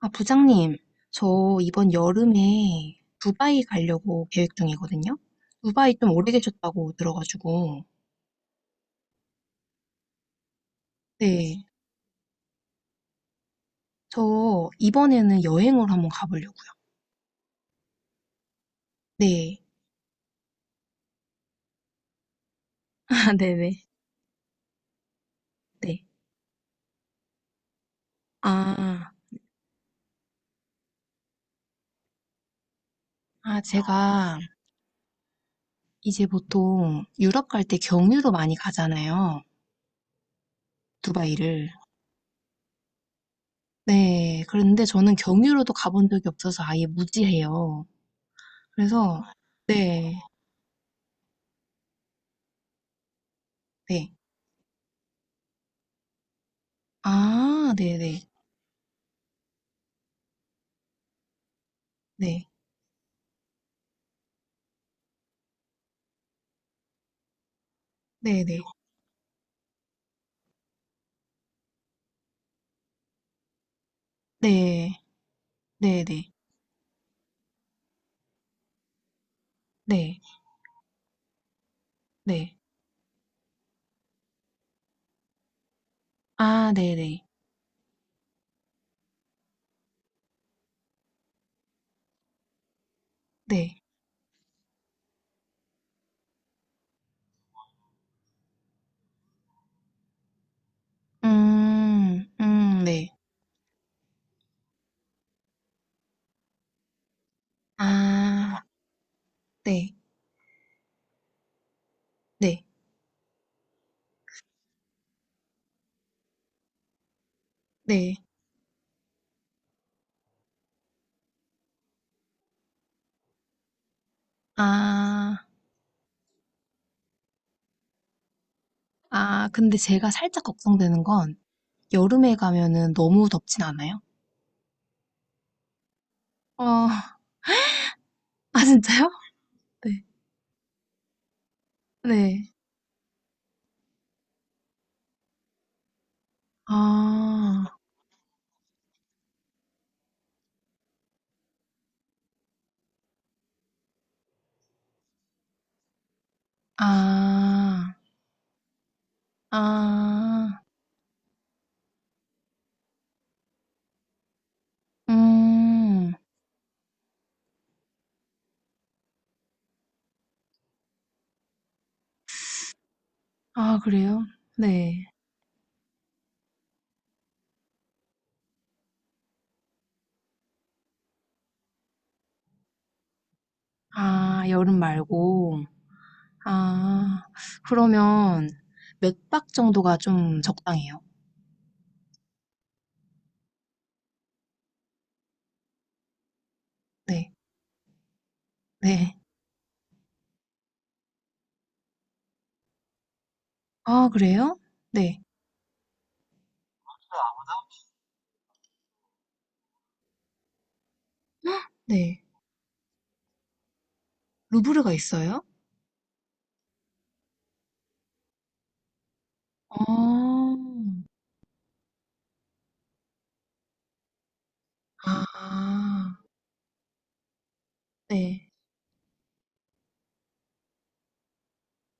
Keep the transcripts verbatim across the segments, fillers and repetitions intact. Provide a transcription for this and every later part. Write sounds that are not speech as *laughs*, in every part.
아, 부장님, 저 이번 여름에 두바이 가려고 계획 중이거든요. 두바이 좀 오래 계셨다고 들어가지고. 네. 저 이번에는 여행을 한번 가보려고요. 네. *laughs* 아, 네네. 네. 아, 아, 제가 이제 보통 유럽 갈 때 경유로 많이 가잖아요. 두바이를. 네. 그런데 저는 경유로도 가본 적이 없어서 아예 무지해요. 그래서, 네. 네. 아, 네네. 네. 네네. 네. 네네. 네. 네. 아 네네. 네. 음. 음 네. 아. 네. 네. 네. 아. 아 근데 제가 살짝 걱정되는 건 여름에 가면은 너무 덥진 않아요? 어. 아 진짜요? 네. 네. 아. 아. 아. 음. 아 그래요? 네. 아 여름 말고 아, 그러면 몇 박 정도가 좀 적당해요? 네, 네. 아, 그래요? 네, *gasps* 헉, 네. 루브르가 있어요? 아, 아, 네,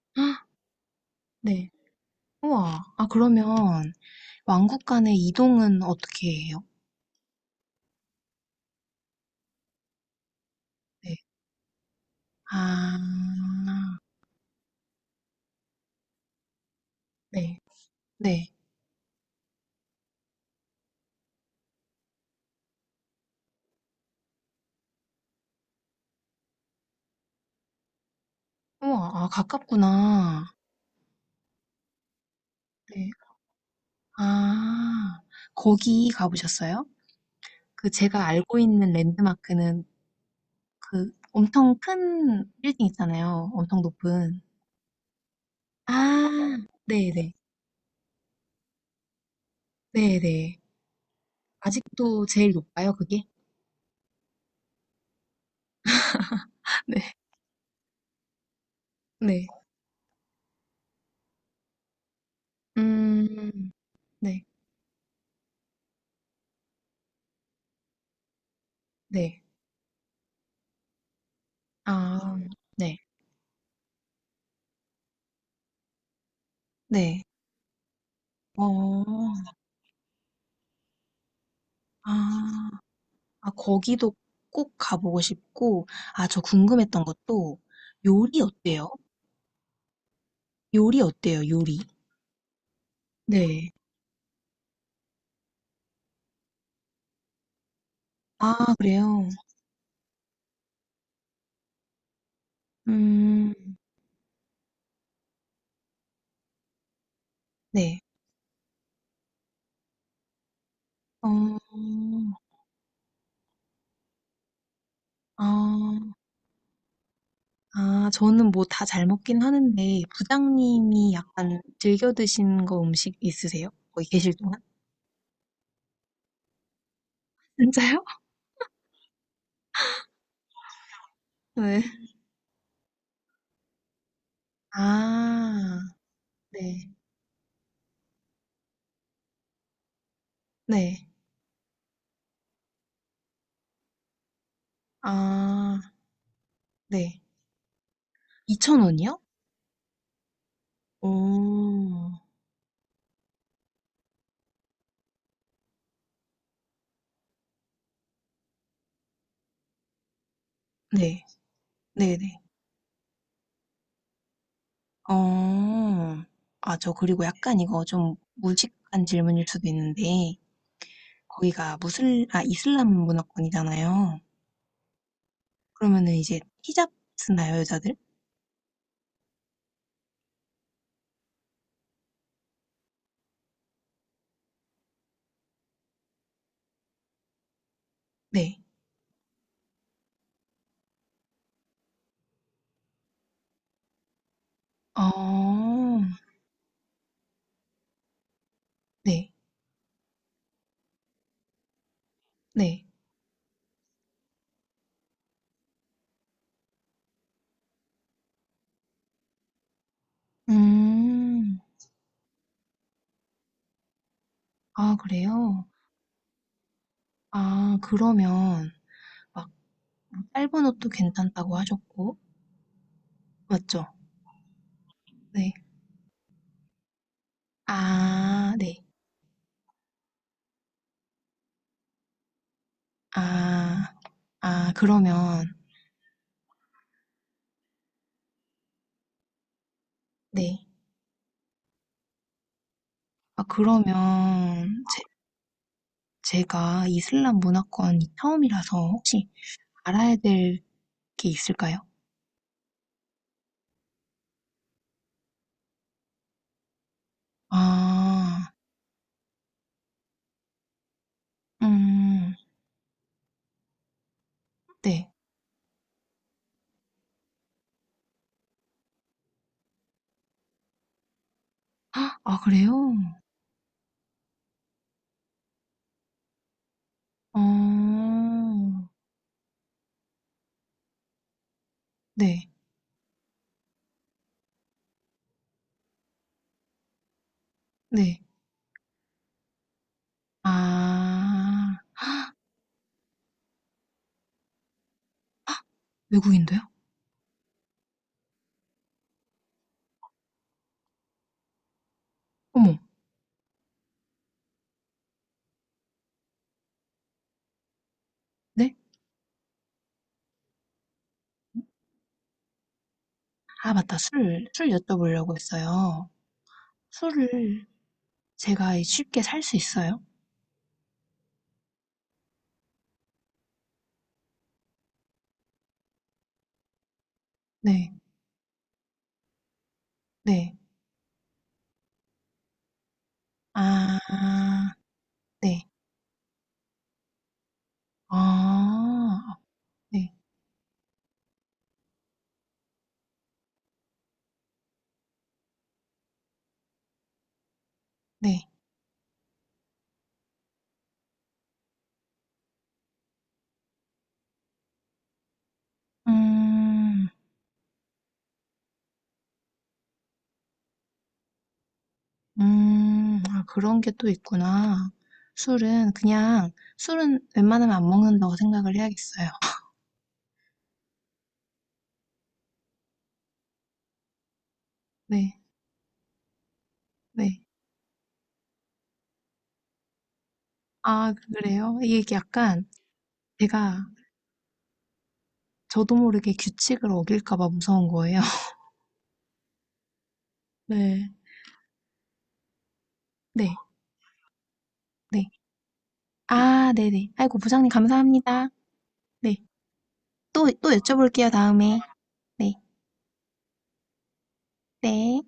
*gasps* 헉, 네. 우와. 아, 그러면 왕국 간의 이동은 어떻게 해요? 네. 아, 네, 네. 우와, 아, 가깝구나. 네. 아, 거기 가보셨어요? 그 제가 알고 있는 랜드마크는 그 엄청 큰 빌딩 있잖아요. 엄청 높은. 아, 네네. 네네. 아직도 제일 높아요, 그게? 네. 네. 음, 네. 네. 아, 네. 네. 어, 아, 아, 거기도 꼭 가보고 싶고, 아, 저 궁금했던 것도 요리 어때요? 요리 어때요, 요리? 네. 아, 그래요? 음, 네. 어, 아, 아, 저는 뭐 다 잘 먹긴 하는데, 부장님이 약간 즐겨 드시는 거 음식 있으세요? 거기 계실 동안? *laughs* 진짜요? 네. 아, 네. 네. 아, 네. 이천 원이요? 오, 네. 네네. 어, 아, 저 그리고 약간 이거 좀 무식한 질문일 수도 있는데, 거기가 무슬, 아, 이슬람 문화권이잖아요. 그러면은 이제 히잡 쓰나요, 여자들? 네. 어, 네. 네. 음. 아 그래요? 아 그러면 막 뭐 짧은 옷도 괜찮다고 하셨고 맞죠? 네. 아 네. 아. 아 그러면 네. 아 그러면 제 제가 이슬람 문화권이 처음이라서 혹시 알아야 될 게 있을까요? 아. 음. 네. 헉, 아 그래요? 어. 네. 네. 아. 외국인데요? 어머. 네? 아 맞다. 술, 술 여쭤보려고 했어요. 술을 제가 쉽게 살 수 있어요? 네. 네. 아. 네. 아. 네. 네. 음. 음. 아 그런 게 또 있구나. 술은 그냥 술은 웬만하면 안 먹는다고 생각을 해야겠어요. 네. 네. 아 그래요? 이게 약간 제가 저도 모르게 규칙을 어길까 봐 무서운 거예요. *laughs* 네. 네. 네. 아, 네네. 아이고, 부장님 감사합니다. 네. 또, 또 여쭤볼게요, 다음에. 네. 네.